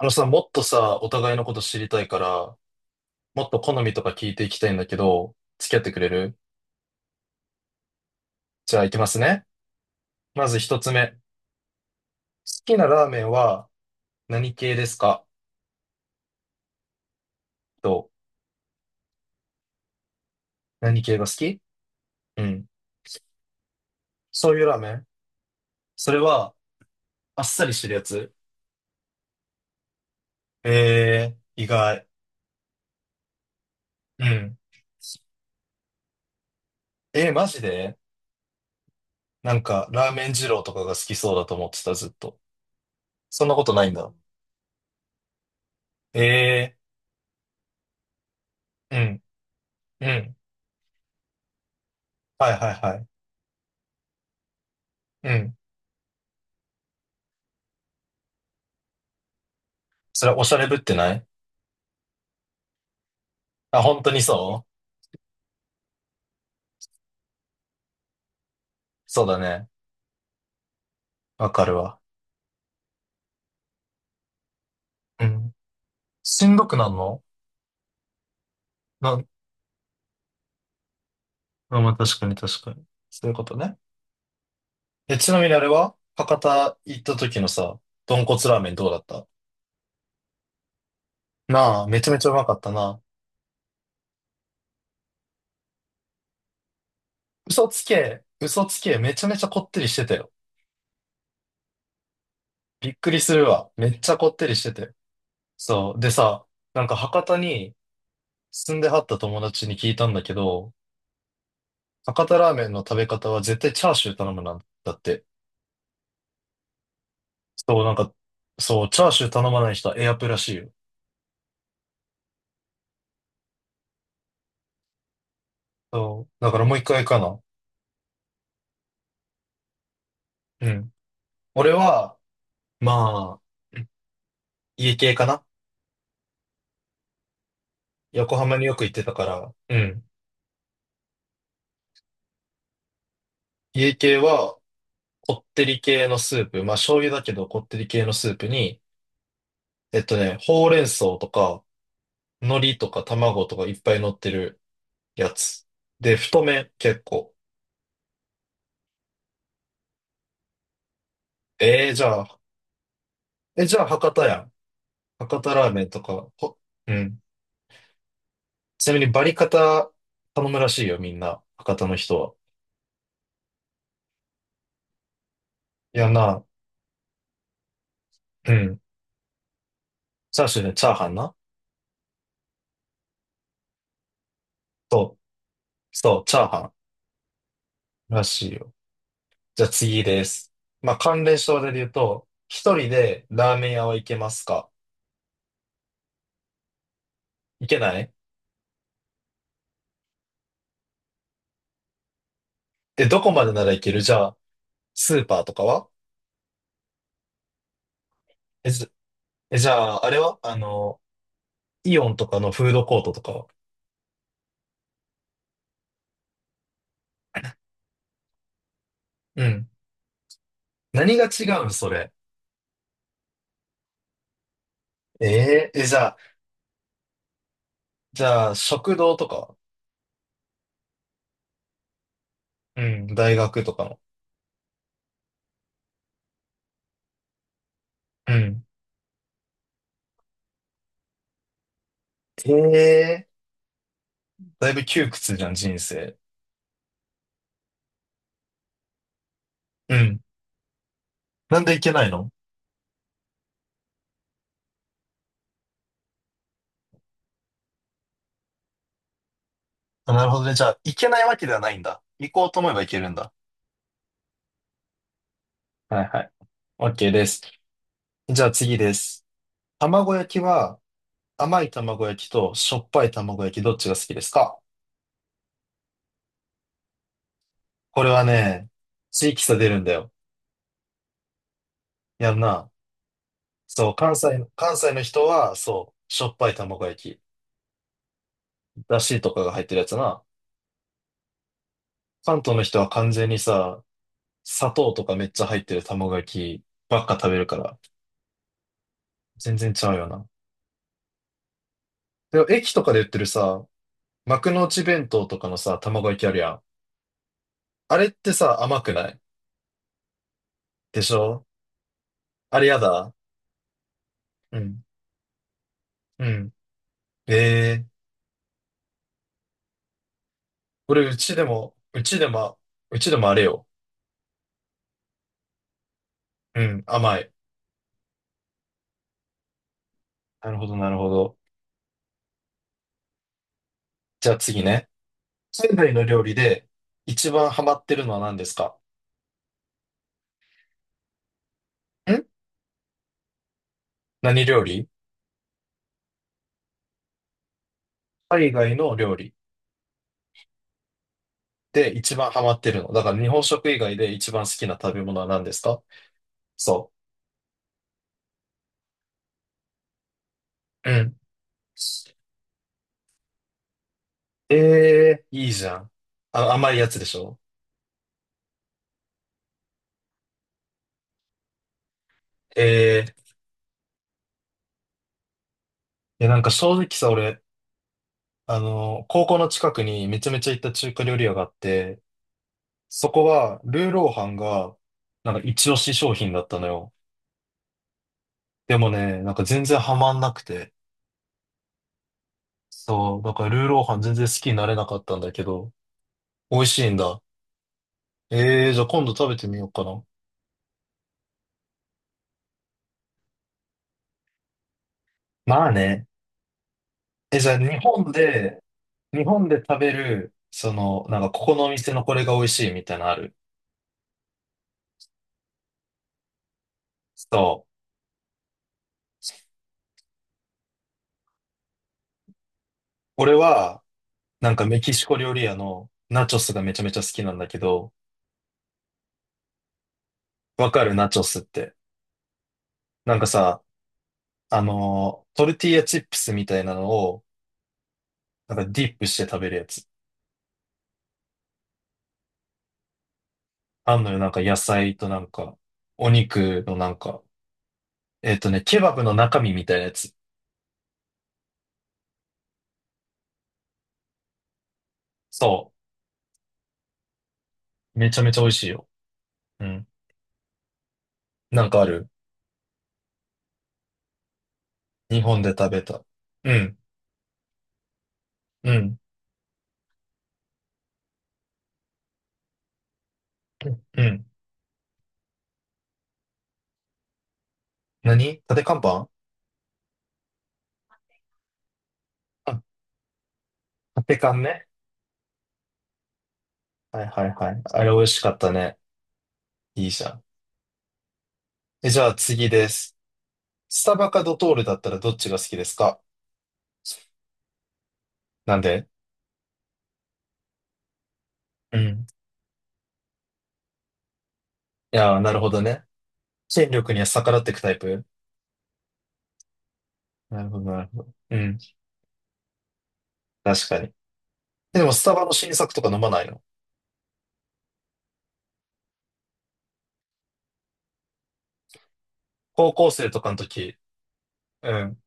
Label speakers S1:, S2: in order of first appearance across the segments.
S1: あのさ、もっとさ、お互いのこと知りたいから、もっと好みとか聞いていきたいんだけど、付き合ってくれる？じゃあ行きますね。まず一つ目。好きなラーメンは何系ですか？と、何系が好き？うん。そういうラーメン、それは、あっさりしてるやつ？えー、意外。うん。えー、マジで？なんか、ラーメン二郎とかが好きそうだと思ってた、ずっと。そんなことないんだ。えー、うん、うん。はいはいはい。うん。それはおしゃれぶってない？あ、本当にそう？そうだね。わかるわ。うん。しんどくなんの？なん、あまあ、確かに確かに。そういうことね。え、ちなみにあれは博多行った時のさ、豚骨ラーメンどうだった？なあ、めちゃめちゃうまかったな。嘘つけ、嘘つけ、めちゃめちゃこってりしてたよ。びっくりするわ。めっちゃこってりしてて。そう。でさ、なんか博多に住んではった友達に聞いたんだけど、博多ラーメンの食べ方は絶対チャーシュー頼むなんだって。そう、なんか、そう、チャーシュー頼まない人はエアプらしいよ。そう、だからもう一回かな。うん。俺は、まあ、家系かな。横浜によく行ってたから、うん。家系は、こってり系のスープ、まあ醤油だけどこってり系のスープに、ほうれん草とか、海苔とか卵とかいっぱい乗ってるやつ。で、太麺結構。えー、じゃあ、え、じゃあ博多やん。博多ラーメンとか、うん。ちなみにバリカタ頼むらしいよ、みんな。博多の人は。いやな、うん。チャーシューね、チャーハンな。そう、そう、チャーハンらしいよ。じゃあ次です。まあ、関連しで言うと、一人でラーメン屋は行けますか？行けない？え、どこまでなら行ける？じゃあ、スーパーとかは？え、じゃえ、じゃあ、あれはあの、イオンとかのフードコートとかは？うん。何が違うんそれ。えーえ、じゃあ、食堂とかは？うん、大学とかの。うん。ええ、だいぶ窮屈じゃん、人生。うん。なんで行けないの？あ、なるほどね。じゃあ、行けないわけではないんだ。行こうと思えば行けるんだ。はいはい。OK です。じゃあ次です。卵焼きは甘い卵焼きとしょっぱい卵焼きどっちが好きですか？これはね、地域差出るんだよ。やんな。そう、関西の人は、そう、しょっぱい卵焼き、だしとかが入ってるやつな。関東の人は完全にさ、砂糖とかめっちゃ入ってる卵焼きばっか食べるから、全然違うよな。でも駅とかで売ってるさ、幕の内弁当とかのさ、卵焼きあるやん。あれってさ、甘くない？でしょ？あれやだ。うん。うん。ええー、俺、うちでも、うちでも、うちでもあれよ。うん、甘い。なるほど、なるほど。じゃあ次ね。海外の料理で一番ハマってるのは何ですか？ん？何料理？海外の料理で一番ハマってるの。だから日本食以外で一番好きな食べ物は何ですか？そう。うん。ええ、いいじゃん。あ、甘いやつでしょ？ええ、いや、なんか正直さ、俺、高校の近くにめちゃめちゃ行った中華料理屋があって、そこは、ルーローハンが、なんか一押し商品だったのよ。でもね、なんか全然ハマんなくて。そう、だからルーローハン全然好きになれなかったんだけど、美味しいんだ。ええ、じゃあ今度食べてみようかな。まあね。え、じゃあ日本で食べる、その、なんかここのお店のこれが美味しいみたいなのある？そう。俺は、なんかメキシコ料理屋のナチョスがめちゃめちゃ好きなんだけど、わかるナチョスって。なんかさ、トルティーヤチップスみたいなのを、なんかディップして食べるやつ。あんのよ、なんか野菜となんか、お肉のなんか、ケバブの中身みたいなやつ。そう。めちゃめちゃ美味しいよ。うん。なんかある？日本で食べた。うん。うん。うん。何立て看板？あ、立て看ね。はいはいはい。あれ美味しかったね。いいじゃん。え、じゃあ次です。スタバかドトールだったらどっちが好きですか？なんで？うん。いやー、なるほどね。権力には逆らっていくタイプ？なるほど、なるほど。うん。確かに。でもスタバの新作とか飲まないの？高校生とかの時、うん。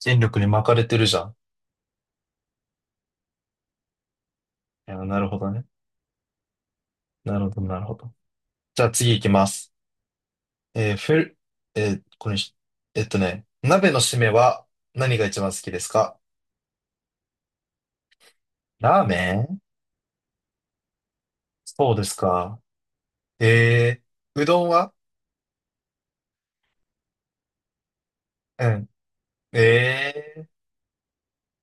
S1: 権力に巻かれてるじゃん。いやー、なるほどね。なるほど、なるほど。じゃあ次行きます。えーフル、えーこれにし、鍋の締めは何が一番好きですか？ラーメン？そうですか。えー、うどんは？うん。ええ、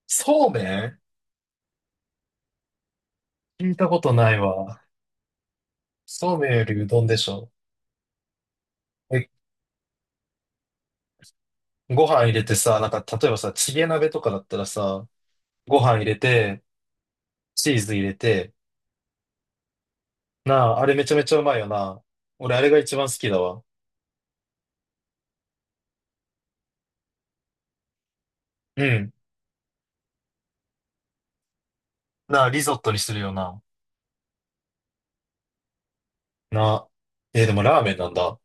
S1: そうめん？聞いたことないわ。そうめんよりうどんでしょ。え、ご飯入れてさ、なんか、例えばさ、チゲ鍋とかだったらさ、ご飯入れて、チーズ入れて、なあ、あれめちゃめちゃうまいよな。俺、あれが一番好きだわ。うん。なあ、リゾットにするよな。なあ。でもラーメンなんだ。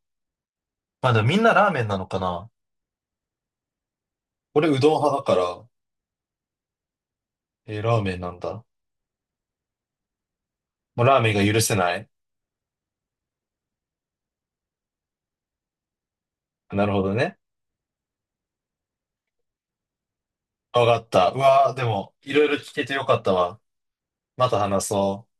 S1: まあ、でもみんなラーメンなのかな。俺、うどん派だから、ラーメンなんだ。もうラーメンが許せない。なるほどね。わかった。うわあ、でも、いろいろ聞けてよかったわ。また話そう。